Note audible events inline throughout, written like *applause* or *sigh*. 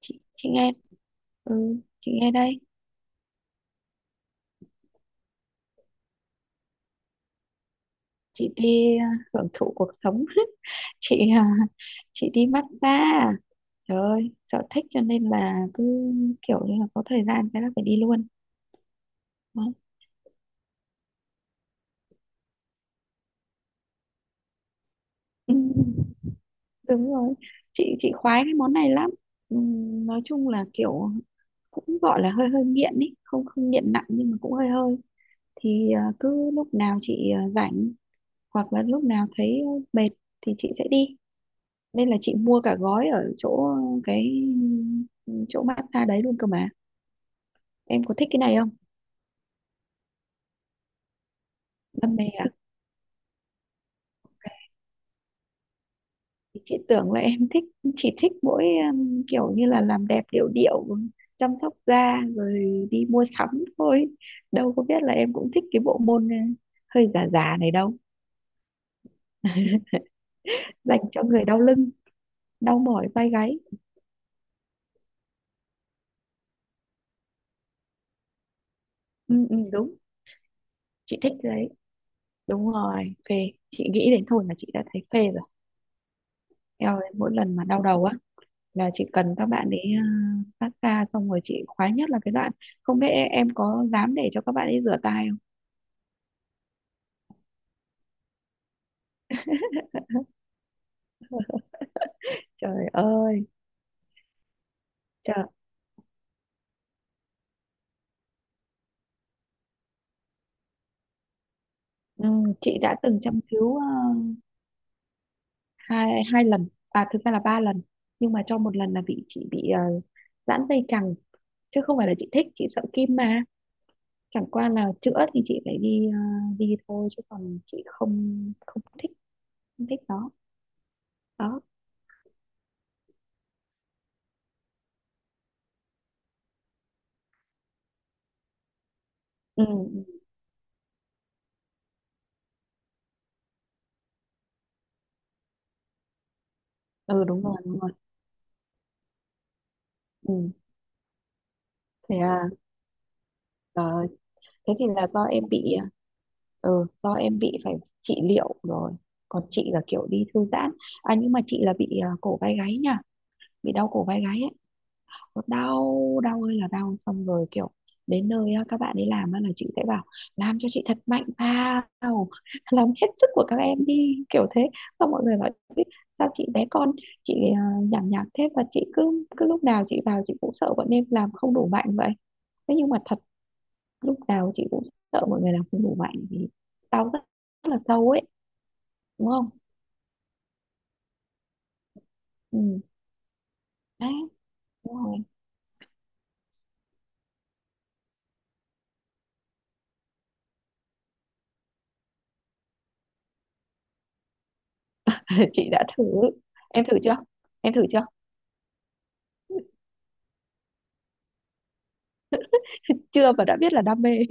Chị nghe. Ừ, chị nghe đây. Chị đi à, hưởng thụ cuộc sống. *laughs* Chị à, chị đi massage à? Trời ơi, sở thích cho nên là cứ kiểu như là có thời gian cái là phải đi luôn. Đó. Ừ, *laughs* đúng rồi, chị khoái cái món này lắm. Ừ, nói chung là kiểu cũng gọi là hơi hơi nghiện ý, không không nghiện nặng nhưng mà cũng hơi hơi. Thì cứ lúc nào chị rảnh, hoặc là lúc nào thấy mệt thì chị sẽ đi, nên là chị mua cả gói ở chỗ cái, ừ, chỗ massage đấy luôn cơ mà. Em có thích cái này không? Đam mê à? Ok. Chị tưởng là em thích, chỉ thích mỗi, kiểu như là làm đẹp điệu điệu, chăm sóc da rồi đi mua sắm thôi. Đâu có biết là em cũng thích cái bộ môn hơi già già này đâu. Dành cho người đau lưng, đau mỏi vai gáy. Ừ, ừ, đúng. Chị thích cái đấy. Đúng rồi, phê, chị nghĩ đến thôi là chị đã thấy phê rồi. Eo ơi, mỗi lần mà đau đầu á là chị cần các bạn ấy phát ra. Xong rồi chị khoái nhất là cái đoạn không biết em có dám để cho các bạn ấy rửa tay không. Trời ơi. Trời. Ừ, chị đã từng châm cứu hai hai lần, à thực ra là 3 lần, nhưng mà trong một lần là bị, chị bị uh, giãn dây chằng, chứ không phải là chị thích. Chị sợ kim mà, chẳng qua là chữa thì chị phải đi đi thôi, chứ còn chị không không thích, không thích nó. Đó. Ừ, ừ. Ừ, đúng rồi đúng rồi. Ừ. Thế à? Trời ơi, thế thì là do em bị, ừ, do em bị phải trị liệu rồi. Còn chị là kiểu đi thư giãn. À nhưng mà chị là bị cổ vai gáy nha, bị đau cổ vai gáy ấy. Nó đau, đau ơi là đau. Xong rồi kiểu đến nơi á, các bạn ấy làm á là chị sẽ bảo làm cho chị thật mạnh vào, *laughs* làm hết sức của các em đi, kiểu thế. Xong mọi người bảo "Ý, sao chị bé con chị nhảm nhảm thế?" Và chị cứ cứ lúc nào chị vào chị cũng sợ bọn em làm không đủ mạnh vậy. Thế nhưng mà thật, lúc nào chị cũng sợ mọi người làm không đủ mạnh vì đau rất, rất là sâu ấy. Đúng không? Ừ. Đấy. Đúng rồi. *laughs* Chị đã thử. Em thử chưa? Em thử chưa? *laughs* Chưa và đã biết là đam mê. *laughs*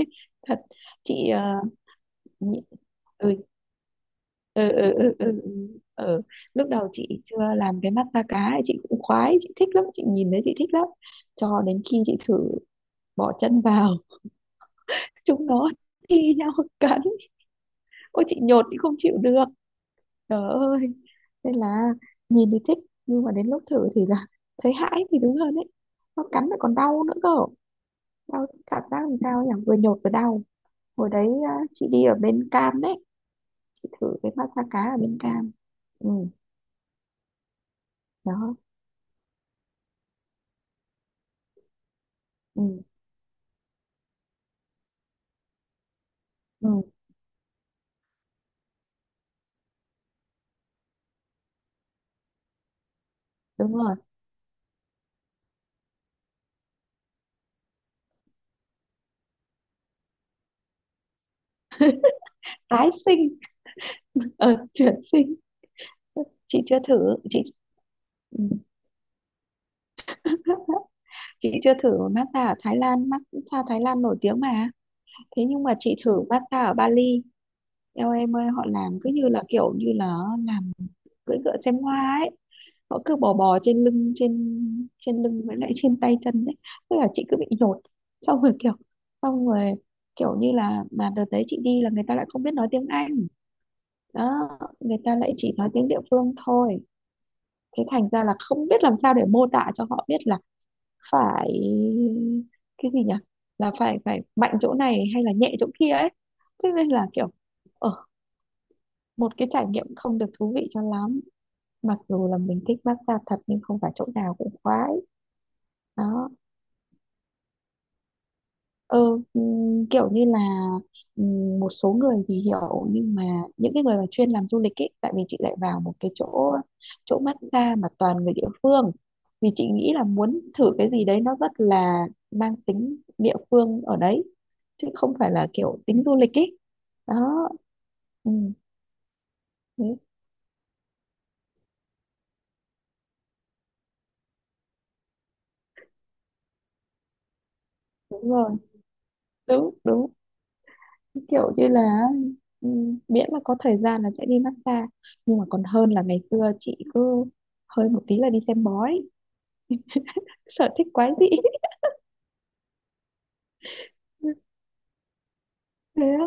Thật. Chị nhị- ừ ừ ừ ừ ừ. Ừ. Ừ. Lúc đầu chị chưa làm cái mắt da cá ấy, chị cũng khoái, chị thích lắm, chị nhìn thấy chị thích lắm. Cho đến khi chị thử bỏ chân vào, *laughs* chúng nó thi nhau cắn. Ôi chị nhột, chị không chịu được. Trời ơi. Nên là nhìn thì thích nhưng mà đến lúc thử thì là, *laughs* thấy hãi thì đúng hơn đấy. Nó cắn lại còn đau nữa cơ. Đau, cảm giác làm sao nhỉ, vừa nhột vừa đau. Hồi đấy chị đi ở bên Cam đấy, chị thử cái massage cá ở bên Cam. Ừ. Đó. Ừ, ừ. Đúng rồi. Tái sinh. *laughs* Chuyển sinh. *laughs* Chị chưa thử. Chị *laughs* chị chưa thử massage ở Thái Lan, massage Thái Lan nổi tiếng mà. Thế nhưng mà chị thử massage ở Bali. Eo em ơi, họ làm cứ như là kiểu như là làm cưỡi ngựa xem hoa ấy. Họ cứ bò bò trên lưng, trên trên lưng với lại trên tay chân đấy. Tức là chị cứ bị nhột. Xong rồi kiểu, xong rồi kiểu như là, mà đợt đấy chị đi là người ta lại không biết nói tiếng Anh. Đó. Người ta lại chỉ nói tiếng địa phương thôi, thế thành ra là không biết làm sao để mô tả cho họ biết là phải, cái gì nhỉ, là phải phải mạnh chỗ này hay là nhẹ chỗ kia ấy. Thế nên là kiểu ở, một cái trải nghiệm không được thú vị cho lắm, mặc dù là mình thích massage thật nhưng không phải chỗ nào cũng khoái. Đó. Ừ, kiểu như là, một số người thì hiểu nhưng mà, những cái người mà chuyên làm du lịch ấy. Tại vì chị lại vào một cái chỗ, chỗ massage mà toàn người địa phương, vì chị nghĩ là muốn thử cái gì đấy nó rất là mang tính địa phương ở đấy, chứ không phải là kiểu tính du lịch ấy. Đó. Ừ, thế, đúng rồi, đúng đúng, kiểu như là, ừ, miễn mà có thời gian là sẽ đi massage. Nhưng mà còn hơn là ngày xưa chị cứ hơi một tí là đi xem bói, sở thích quái dị. *laughs* Thế á?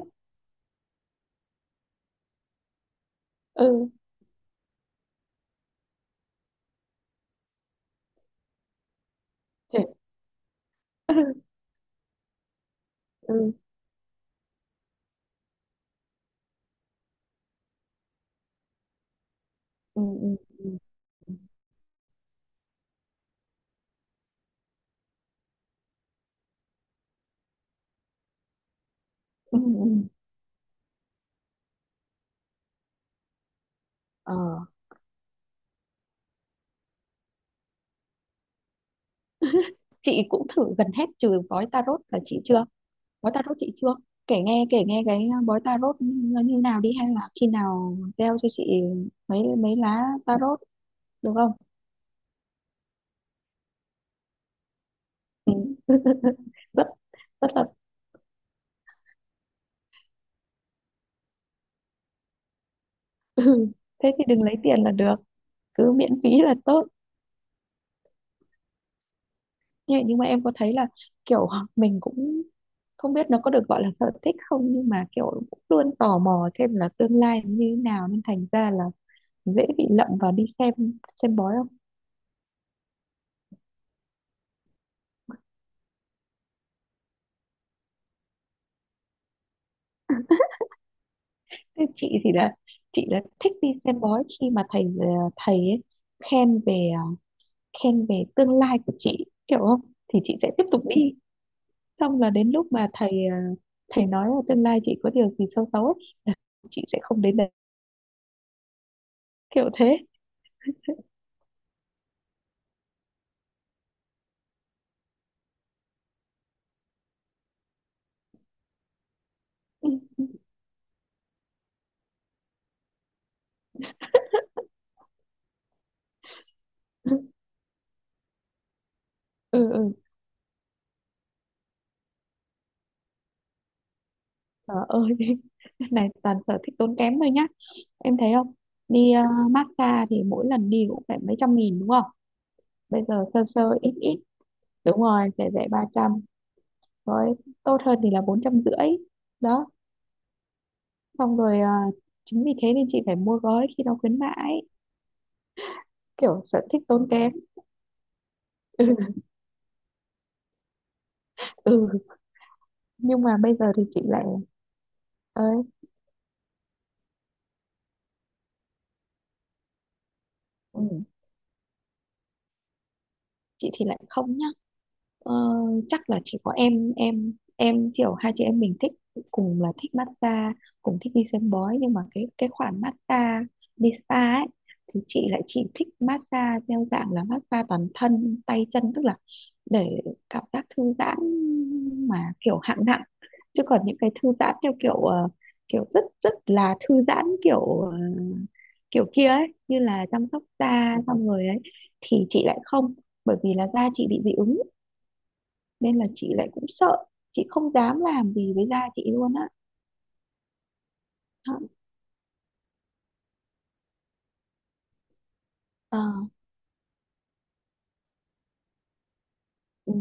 Ừ chị *laughs* ừ ừ ừ ừ ừ. Ừ. Ờ, chị cũng thử gần hết trừ bói tarot là chị chưa. Bói tarot chị chưa. Kể nghe cái bói tarot nó như nào đi, hay là khi nào gieo cho chị mấy mấy lá tarot được không? Ừ. *laughs* Rất, rất là *laughs* Ừ, thế thì đừng lấy tiền là được, cứ miễn phí là tốt. Nhưng mà em có thấy là kiểu mình cũng không biết nó có được gọi là sở thích không, nhưng mà kiểu cũng luôn tò mò xem là tương lai như thế nào, nên thành ra là dễ bị lậm vào đi xem bói không? Thế chị thì là, chị là thích đi xem bói khi mà thầy thầy ấy khen về khen về tương lai của chị kiểu không? Thì chị sẽ tiếp tục đi. Xong là đến lúc mà thầy thầy nói là tương lai chị có điều gì xấu xấu ấy, là chị sẽ không đến đấy. Kiểu thế. Ừ. *laughs* Ừ ừ. Trời ơi, *laughs* cái này toàn sở thích tốn kém thôi nhá, em thấy không? Đi massage thì mỗi lần đi cũng phải mấy trăm nghìn đúng không? Bây giờ sơ sơ ít ít, đúng rồi, rẻ rẻ 300, rồi tốt hơn thì là 450. Đó. Xong rồi chính vì thế nên chị phải mua gói khi nó khuyến mãi. Kiểu sở thích tốn kém. *laughs* Ừ, ừ. Nhưng mà bây giờ thì chị lại, ơi, ừ, chị thì lại không nhá. Ờ, chắc là chỉ có em kiểu hai chị em mình thích, cùng là thích massage, cùng thích đi xem bói, nhưng mà cái khoản massage đi spa ấy thì chị lại chỉ thích massage theo dạng là massage toàn thân tay chân, tức là để cảm giác thư giãn mà kiểu hạng nặng. Chứ còn những cái thư giãn theo kiểu kiểu rất rất là thư giãn, kiểu kiểu kia ấy, như là chăm sóc da xong rồi ấy, thì chị lại không. Bởi vì là da chị bị dị ứng nên là chị lại cũng sợ, chị không dám làm gì với da chị luôn á. Ờ. Ờ, ừ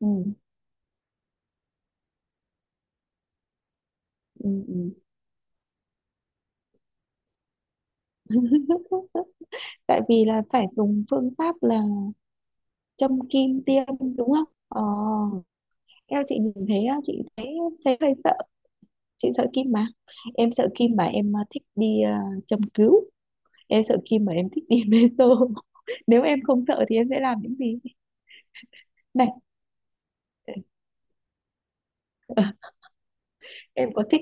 ừ ừ ừ. *laughs* Tại vì là phải dùng phương pháp là châm kim tiêm đúng không? Ờ. Eo chị nhìn thấy á, chị thấy, thấy hơi sợ. Chị sợ kim mà. Em sợ kim mà em thích đi châm cứu. Em sợ kim mà em thích đi *laughs* meso. Nếu em không sợ thì em sẽ làm những gì? Này em có thích?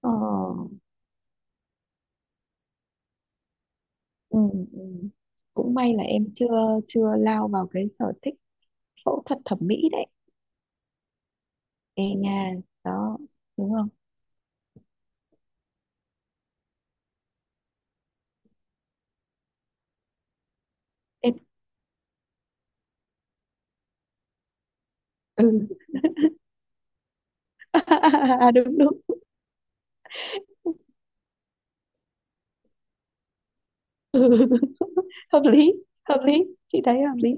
Ờ. Ừ, ừ. Cũng may là em chưa, chưa lao vào cái sở thích phẫu thuật thẩm mỹ đấy. Ê nha. Đó. Đúng không? Em. Ừ *laughs* à, đúng đúng. Ừ. *laughs* Hợp lý. Hợp lý. Chị thấy hợp lý.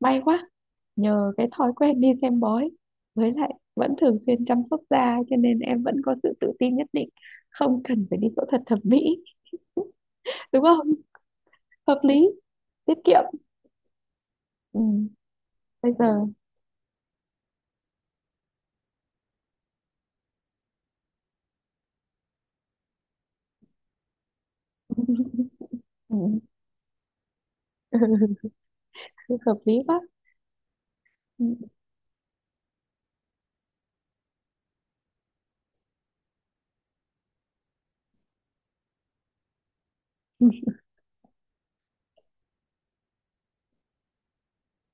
May quá, nhờ cái thói quen đi xem bói, với lại vẫn thường xuyên chăm sóc da cho nên em vẫn có sự tự tin nhất định, không cần phải đi phẫu thuật thẩm mỹ đúng không? Hợp lý, tiết kiệm. Ừ. Bây giờ *laughs* ừ. *laughs* Hợp lý quá. Ừ.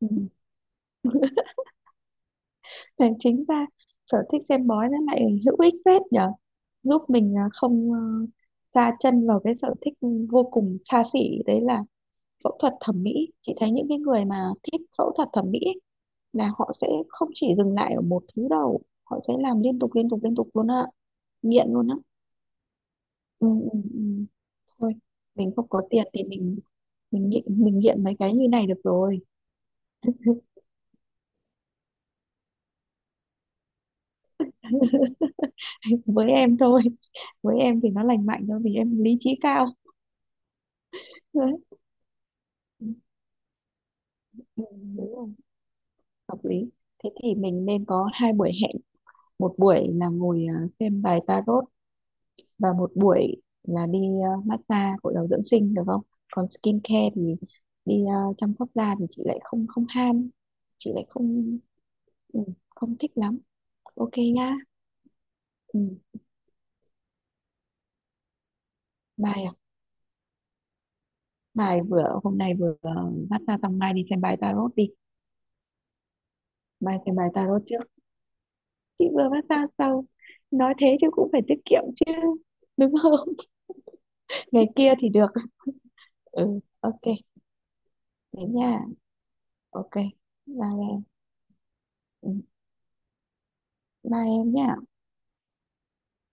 Ừ. Thế chính ra sở thích xem bói nó lại hữu ích phết nhở, giúp mình không sa chân vào cái sở thích vô cùng xa xỉ đấy là phẫu thuật thẩm mỹ. Chị thấy những cái người mà thích phẫu thuật thẩm mỹ ấy, là họ sẽ không chỉ dừng lại ở một thứ đâu, họ sẽ làm liên tục liên tục liên tục luôn ạ. Nghiện luôn á. Ừ, ừ, ừ. Thôi mình không có tiền thì mình, mình nghiện mấy cái như này được rồi. *laughs* Với em thôi, với em thì nó lành mạnh thôi vì em lý trí cao. Đấy. Ừ, đúng rồi, hợp lý. Thế thì mình nên có hai buổi hẹn, một buổi là ngồi xem bài tarot, và một buổi là đi massage gội đầu dưỡng sinh được không? Còn skin care thì đi chăm sóc da thì chị lại không không ham, chị lại không, ừ, không thích lắm. Ok nhá. Ừ, bài à? Bài vừa hôm nay vừa massage, xong mai đi xem bài tarot đi. Mai xem bài tarot trước. Chị vừa massage sau. Nói thế chứ cũng phải tiết kiệm chứ. Đúng không? *laughs* Ngày kia thì được. Ừ ok. Thế nha. Ok. Bye em. Ừ, bye em nha.